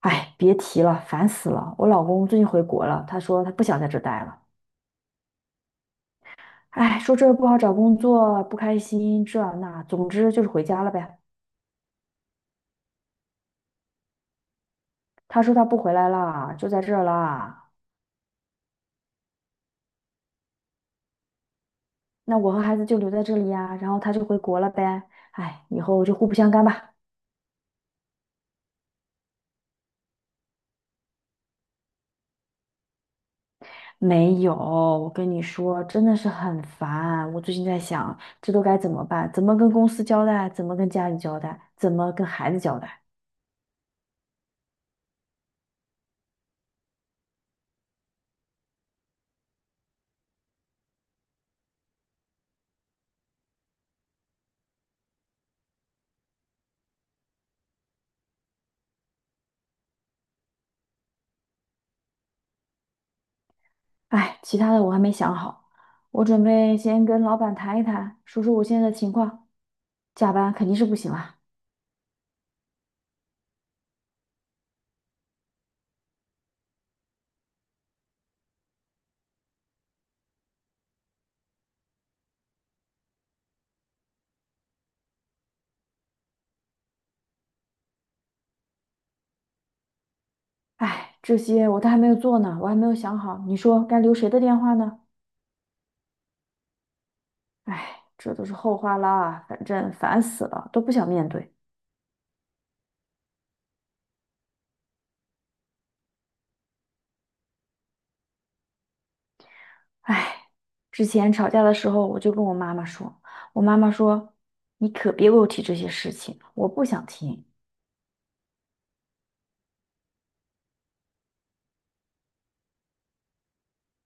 哎，别提了，烦死了！我老公最近回国了，他说他不想在这儿待了。哎，说这儿不好找工作，不开心，这那，总之就是回家了呗。他说他不回来了，就在这儿了。那我和孩子就留在这里呀，然后他就回国了呗。哎，以后就互不相干吧。没有，我跟你说，真的是很烦。我最近在想，这都该怎么办？怎么跟公司交代？怎么跟家里交代？怎么跟孩子交代？哎，其他的我还没想好，我准备先跟老板谈一谈，说说我现在的情况。加班肯定是不行啦。哎，这些我都还没有做呢，我还没有想好，你说该留谁的电话呢？哎，这都是后话啦，反正烦死了，都不想面对。哎，之前吵架的时候，我就跟我妈妈说，我妈妈说，你可别给我提这些事情，我不想听，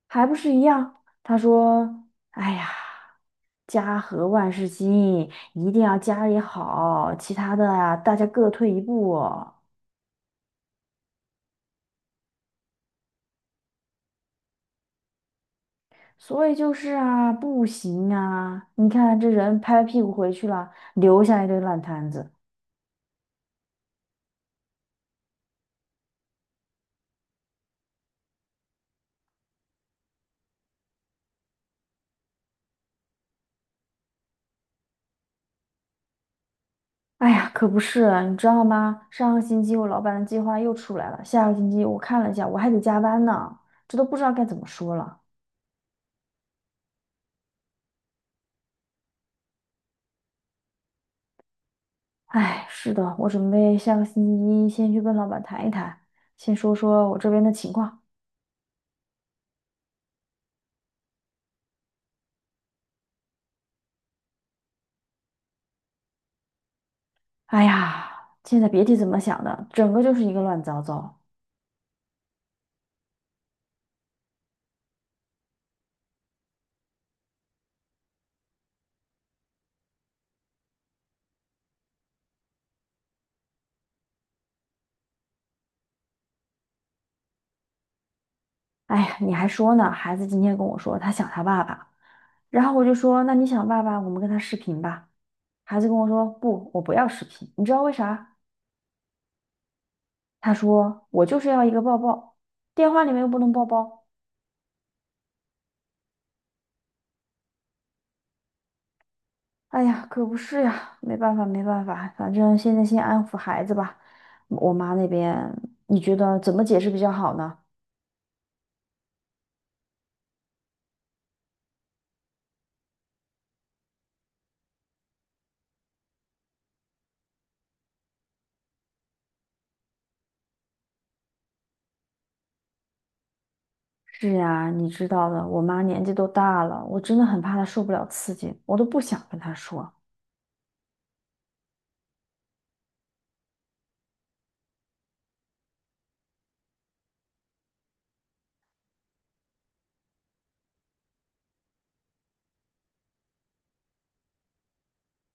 还不是一样。她说，哎呀。家和万事兴，一定要家里好，其他的啊，大家各退一步。所以就是啊，不行啊！你看这人拍拍屁股回去了，留下一堆烂摊子。哎呀，可不是啊，你知道吗？上个星期我老板的计划又出来了，下个星期我看了一下，我还得加班呢，这都不知道该怎么说了。哎，是的，我准备下个星期一先去跟老板谈一谈，先说说我这边的情况。哎呀，现在别提怎么想的，整个就是一个乱糟糟。哎呀，你还说呢，孩子今天跟我说他想他爸爸，然后我就说那你想爸爸，我们跟他视频吧。孩子跟我说不，我不要视频，你知道为啥？他说我就是要一个抱抱，电话里面又不能抱抱。哎呀，可不是呀，没办法，没办法，反正现在先安抚孩子吧。我妈那边，你觉得怎么解释比较好呢？是呀，你知道的，我妈年纪都大了，我真的很怕她受不了刺激，我都不想跟她说。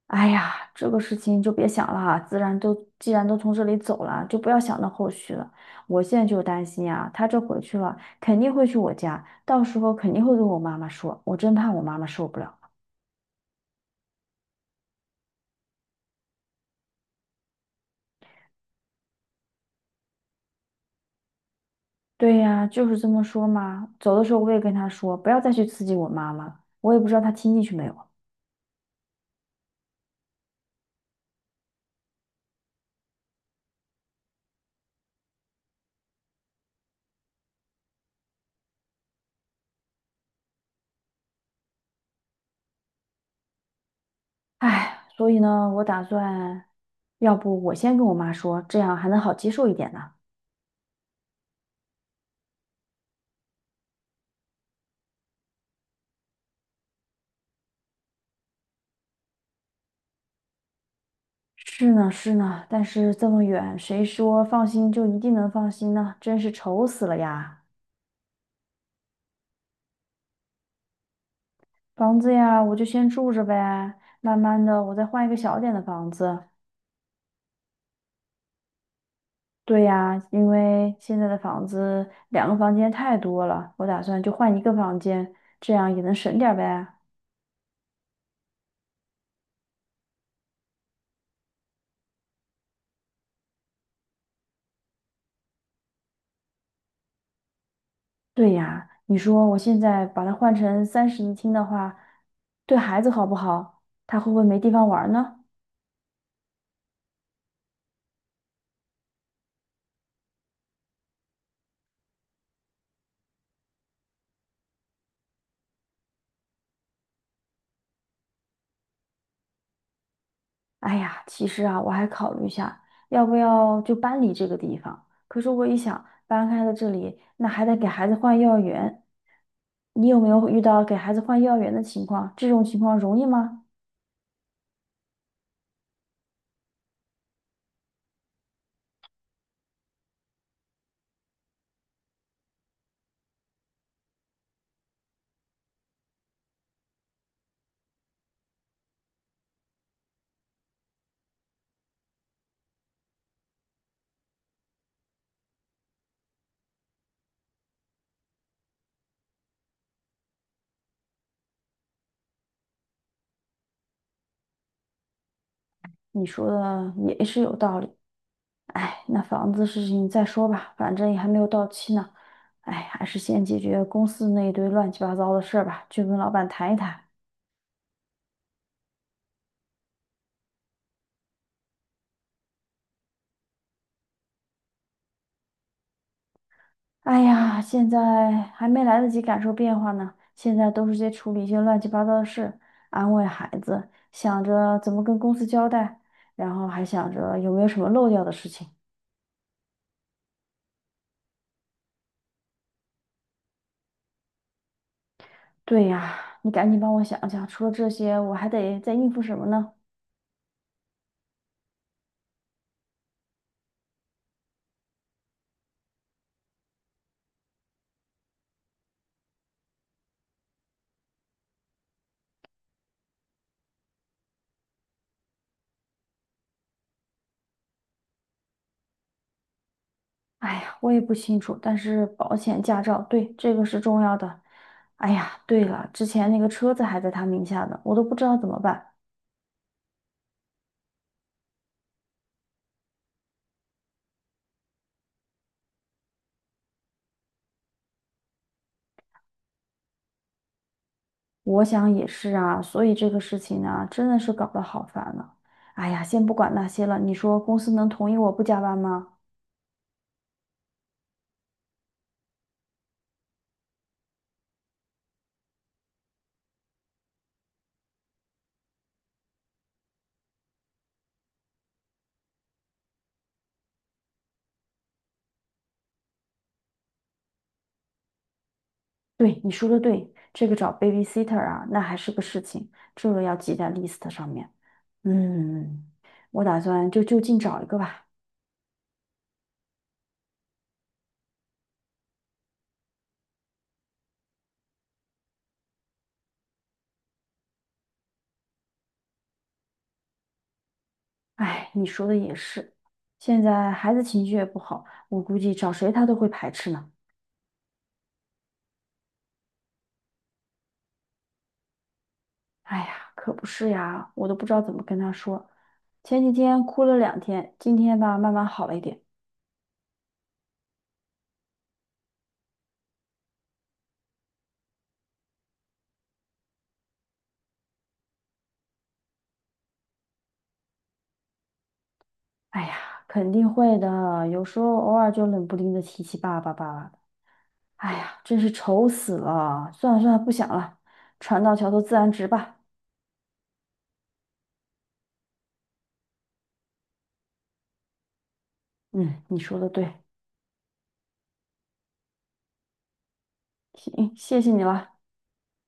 哎呀，这个事情就别想了哈，自然都既然都从这里走了，就不要想到后续了。我现在就担心啊，她这回去了，肯定会去我家，到时候肯定会跟我妈妈说，我真怕我妈妈受不了。对呀，就是这么说嘛。走的时候我也跟她说，不要再去刺激我妈妈了，我也不知道她听进去没有啊。唉，所以呢，我打算，要不我先跟我妈说，这样还能好接受一点呢。是呢，是呢，但是这么远，谁说放心就一定能放心呢？真是愁死了呀！房子呀，我就先住着呗，慢慢的我再换一个小点的房子。对呀，因为现在的房子两个房间太多了，我打算就换一个房间，这样也能省点儿呗。对呀，你说我现在把它换成三室一厅的话，对孩子好不好？他会不会没地方玩儿呢？哎呀，其实啊，我还考虑一下，要不要就搬离这个地方。可是我一想，搬开了这里，那还得给孩子换幼儿园。你有没有遇到给孩子换幼儿园的情况？这种情况容易吗？你说的也是有道理。哎，那房子事情再说吧，反正也还没有到期呢。哎，还是先解决公司那一堆乱七八糟的事儿吧，去跟老板谈一谈。哎呀，现在还没来得及感受变化呢，现在都是在处理一些乱七八糟的事，安慰孩子，想着怎么跟公司交代，然后还想着有没有什么漏掉的事情。对呀，你赶紧帮我想想，除了这些，我还得再应付什么呢？哎呀，我也不清楚，但是保险、驾照，对，这个是重要的。哎呀，对了，之前那个车子还在他名下呢，我都不知道怎么办。我想也是啊，所以这个事情呢，真的是搞得好烦呢。哎呀，先不管那些了，你说公司能同意我不加班吗？对，你说的对，这个找 babysitter 啊，那还是个事情，这个要记在 list 上面。嗯。我打算就近找一个吧。哎，你说的也是，现在孩子情绪也不好，我估计找谁他都会排斥呢。哎呀，可不是呀，我都不知道怎么跟他说。前几天哭了两天，今天吧慢慢好了一点。哎呀，肯定会的，有时候偶尔就冷不丁的提起爸爸爸爸的。哎呀，真是愁死了。算了算了，不想了，船到桥头自然直吧。嗯，你说的对，行，谢谢你了。